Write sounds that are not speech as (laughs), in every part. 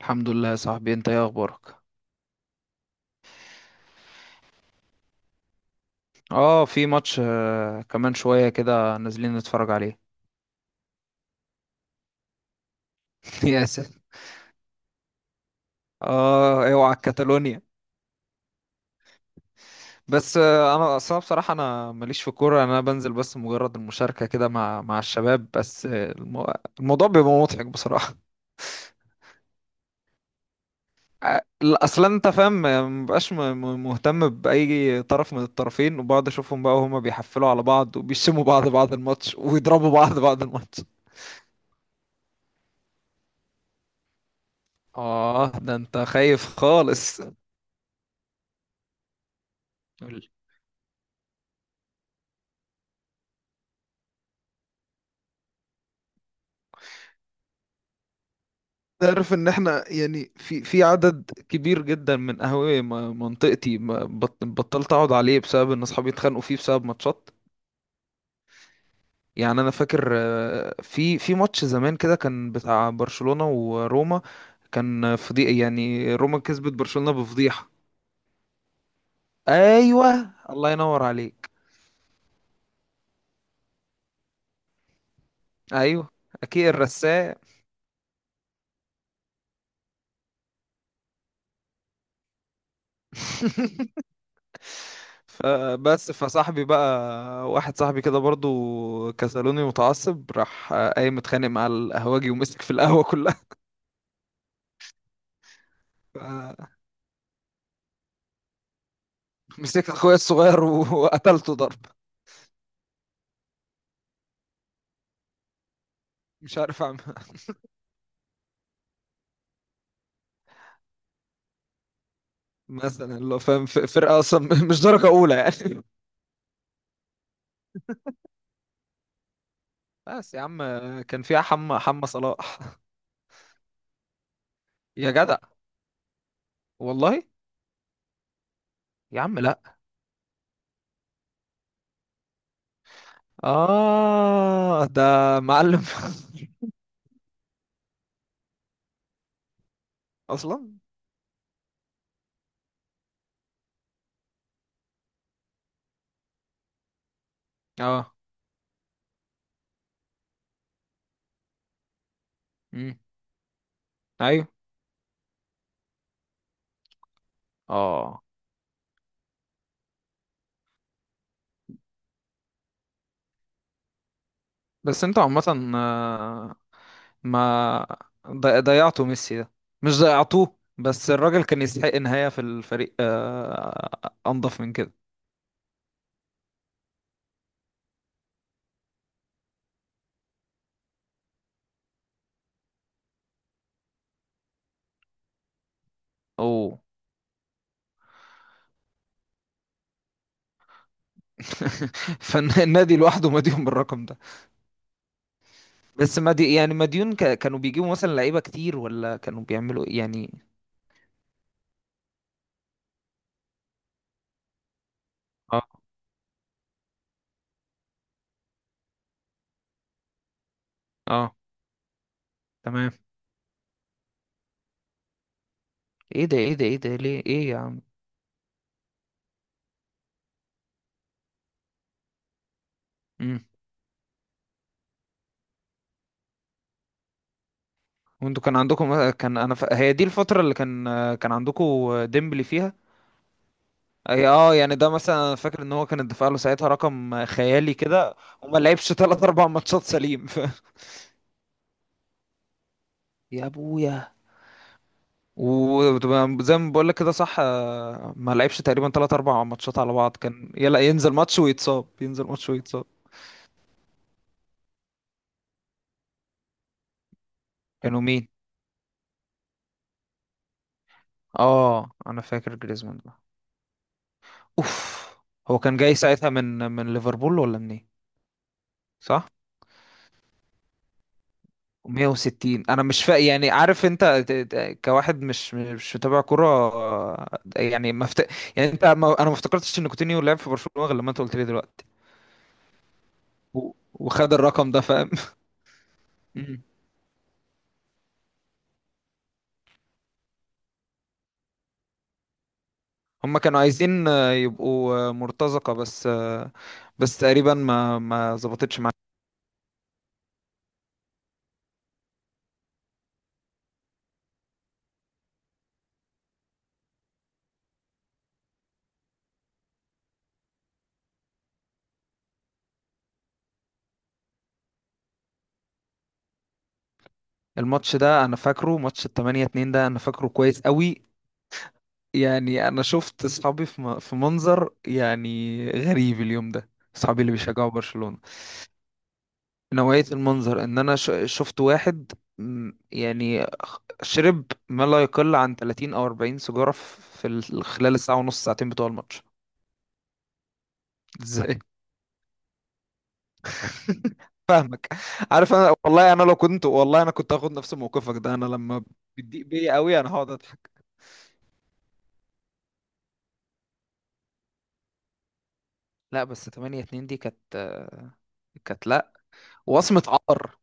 الحمد لله يا صاحبي، انت ايه اخبارك؟ اه، في ماتش كمان شوية كده نازلين نتفرج عليه. (laughs) يا ساتر. اه، اوعى كاتالونيا. بس انا اصلا بصراحة انا ماليش في كورة، انا بنزل بس مجرد المشاركة كده مع الشباب، بس الموضوع بيبقى مضحك بصراحة. (laughs) اصلا انت فاهم، مبقاش مهتم باي طرف من الطرفين، وبقعد اشوفهم بقى وهما بيحفلوا على بعض وبيشموا بعض بعد الماتش، ويضربوا بعض بعد الماتش. اه، ده انت خايف خالص. تعرف ان احنا يعني في عدد كبير جدا من قهاوي منطقتي بطلت اقعد عليه بسبب ان اصحابي اتخانقوا فيه بسبب ماتشات. يعني انا فاكر في ماتش زمان كده كان بتاع برشلونة وروما، كان فضيحة، يعني روما كسبت برشلونة بفضيحة. ايوه، الله ينور عليك. ايوه، اكيد الرسام. (laughs) فبس، فصاحبي بقى، واحد صاحبي كده برضو كسلوني، متعصب راح قايم متخانق مع القهوجي ومسك في القهوة كلها. (laughs) مسكت اخويا الصغير وقتلته ضرب. مش عارف اعمل. (laughs) مثلا اللي هو فاهم فرقة اصلا (laughs) مش درجة اولى يعني. (laughs) بس يا عم، كان فيها حمى صلاح. (laughs) يا جدع، والله. يا عم لا. اه ده معلم. (laughs) اصلا. اه. امم. ايوه. اه. بس انتوا عامة، ما ضيعته ميسي ده، مش ضيعتوه بس، الراجل كان يستحق نهاية في الفريق أنظف من كده. أوه. (laughs) فالنادي لوحده مديون بالرقم ده. بس مديون كانوا بيجيبوا مثلا لعيبة كتير، ولا كانوا بيعملوا إيه؟ يعني. اه. اه. تمام. ايه ده، ايه ده، ايه ده، ليه؟ ايه يا عم؟ امم. وانتوا كان عندكم، كان هي دي الفترة اللي كان كان عندكم ديمبلي فيها. اه، يعني ده مثلا انا فاكر ان هو كان الدفاع له ساعتها رقم خيالي كده، وما لعبش تلات (laughs) اربع ماتشات سليم. (laughs) يا ابويا. وزي ما بقول لك كده صح، ما لعبش تقريبا تلات اربع ماتشات على بعض، كان يلا ينزل ماتش ويتصاب، ينزل ماتش ويتصاب. كانوا مين؟ اه، انا فاكر جريزمان ده. اوف. هو كان جاي ساعتها من ليفربول ولا منين؟ صح. 160. انا مش فا يعني عارف انت كواحد مش متابع كرة، يعني ما مفت... يعني انت ما... انا ما افتكرتش ان كوتينيو لعب في برشلونة غير لما انت قلت لي دلوقتي. وخد الرقم ده، فاهم. (laughs) مم. هما كانوا عايزين يبقوا مرتزقة بس بس تقريبا ما ظبطتش معاهم. الماتش ده انا فاكره، ماتش ال 8-2 ده انا فاكره كويس قوي. يعني انا شفت اصحابي في في منظر يعني غريب اليوم ده، اصحابي اللي بيشجعوا برشلونة. نوعية المنظر ان انا شفت واحد شرب ما لا يقل عن 30 او 40 سيجارة في خلال الساعة ونص ساعتين بتوع الماتش. ازاي؟ (laughs) فاهمك. عارف انا، والله انا لو كنت، والله انا كنت هاخد نفس موقفك ده، انا لما بتضيق بيا قوي انا هقعد اضحك. لا بس 8-2 دي كانت (hesitation) كانت، لا، وصمة عار.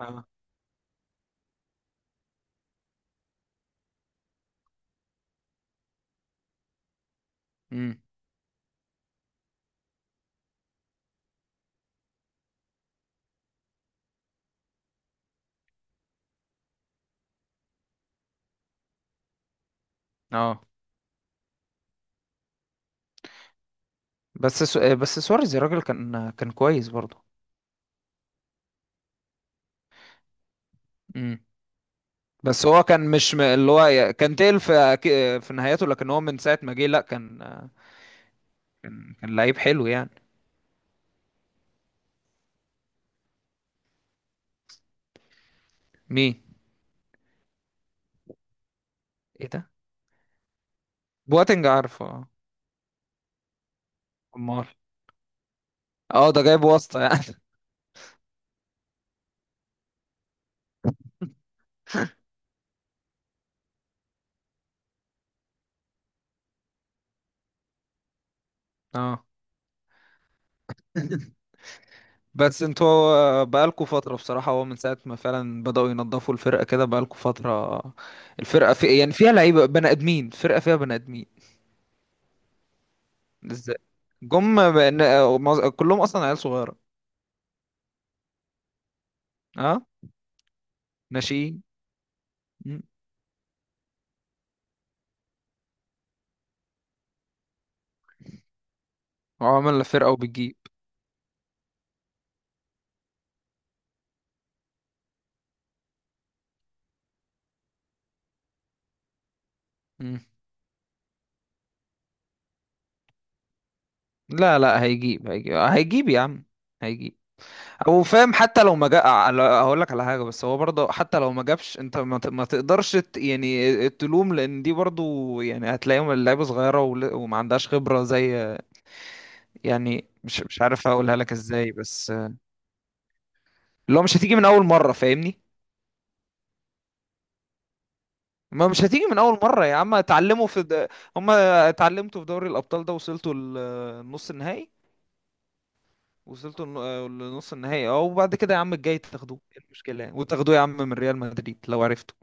اه. امم. اه، بس بس سواريز يا راجل كان كويس برضه. امم. بس هو كان مش م... اللي هو كان تقل في في نهايته، لكن هو من ساعة ما جه لا كان، كان كان لعيب حلو يعني. مين؟ ايه ده؟ بواتنج عارفه، اه. امال. اه، ده جايب واسطة يعني. (laughs) اه. بس انتوا بقالكوا فترة بصراحة، هو من ساعة ما فعلا بدأوا ينظفوا الفرقة كده، بقالكوا فترة الفرقة في يعني فيها لعيبة بني آدمين، فرقة فيها بني آدمين. ازاي؟ جم بن- آه، معظ- كلهم أصلا عيال صغيرة. اه، ناشئين. مم. وعمل فرقة وبتجيب. مم. لا لا، هيجيب هيجيب يا عم، هيجيب. او فاهم، حتى لو ما جا، هقول لك على حاجه، بس هو برضه حتى لو ما جابش، انت ما، ما تقدرش يعني تلوم، لان دي برضه يعني هتلاقيهم اللعيبه صغيره وما عندهاش خبره زي، يعني مش عارف اقولها لك ازاي بس، لو مش هتيجي من اول مره، فاهمني؟ ما مش هتيجي من اول مره يا عم، اتعلموا هم اتعلمتوا في دوري الابطال ده، وصلتوا النص النهائي، وصلتوا لنص النهائي. اه، وبعد كده يا عم الجاي تاخدوه، ايه المشكلة يعني، وتاخدوه يا عم من ريال مدريد لو عرفتوا.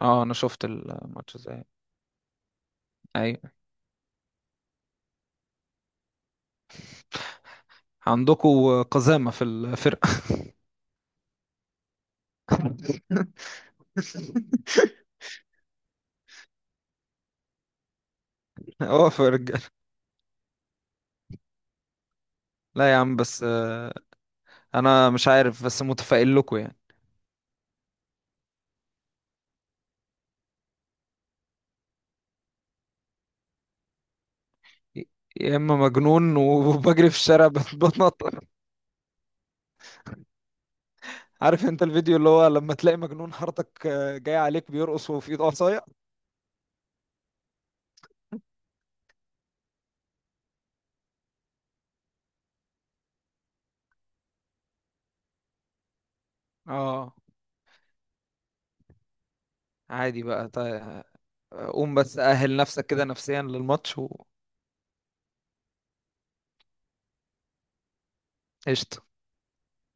اه، انا شفت الماتش ازاي. ايوه، عندكوا قزامة في الفرقة. (laughs) اه، في الرجالة. لا يا عم، بس انا مش عارف، بس متفائل لكم يعني. يا اما مجنون وبجري في الشارع بتنطط. عارف انت الفيديو اللي هو لما تلاقي مجنون حارتك جاي عليك بيرقص وفي ايده عصاية. اه، عادي بقى طيب. قوم بس أهل نفسك كده نفسيا للماتش. وقشطة.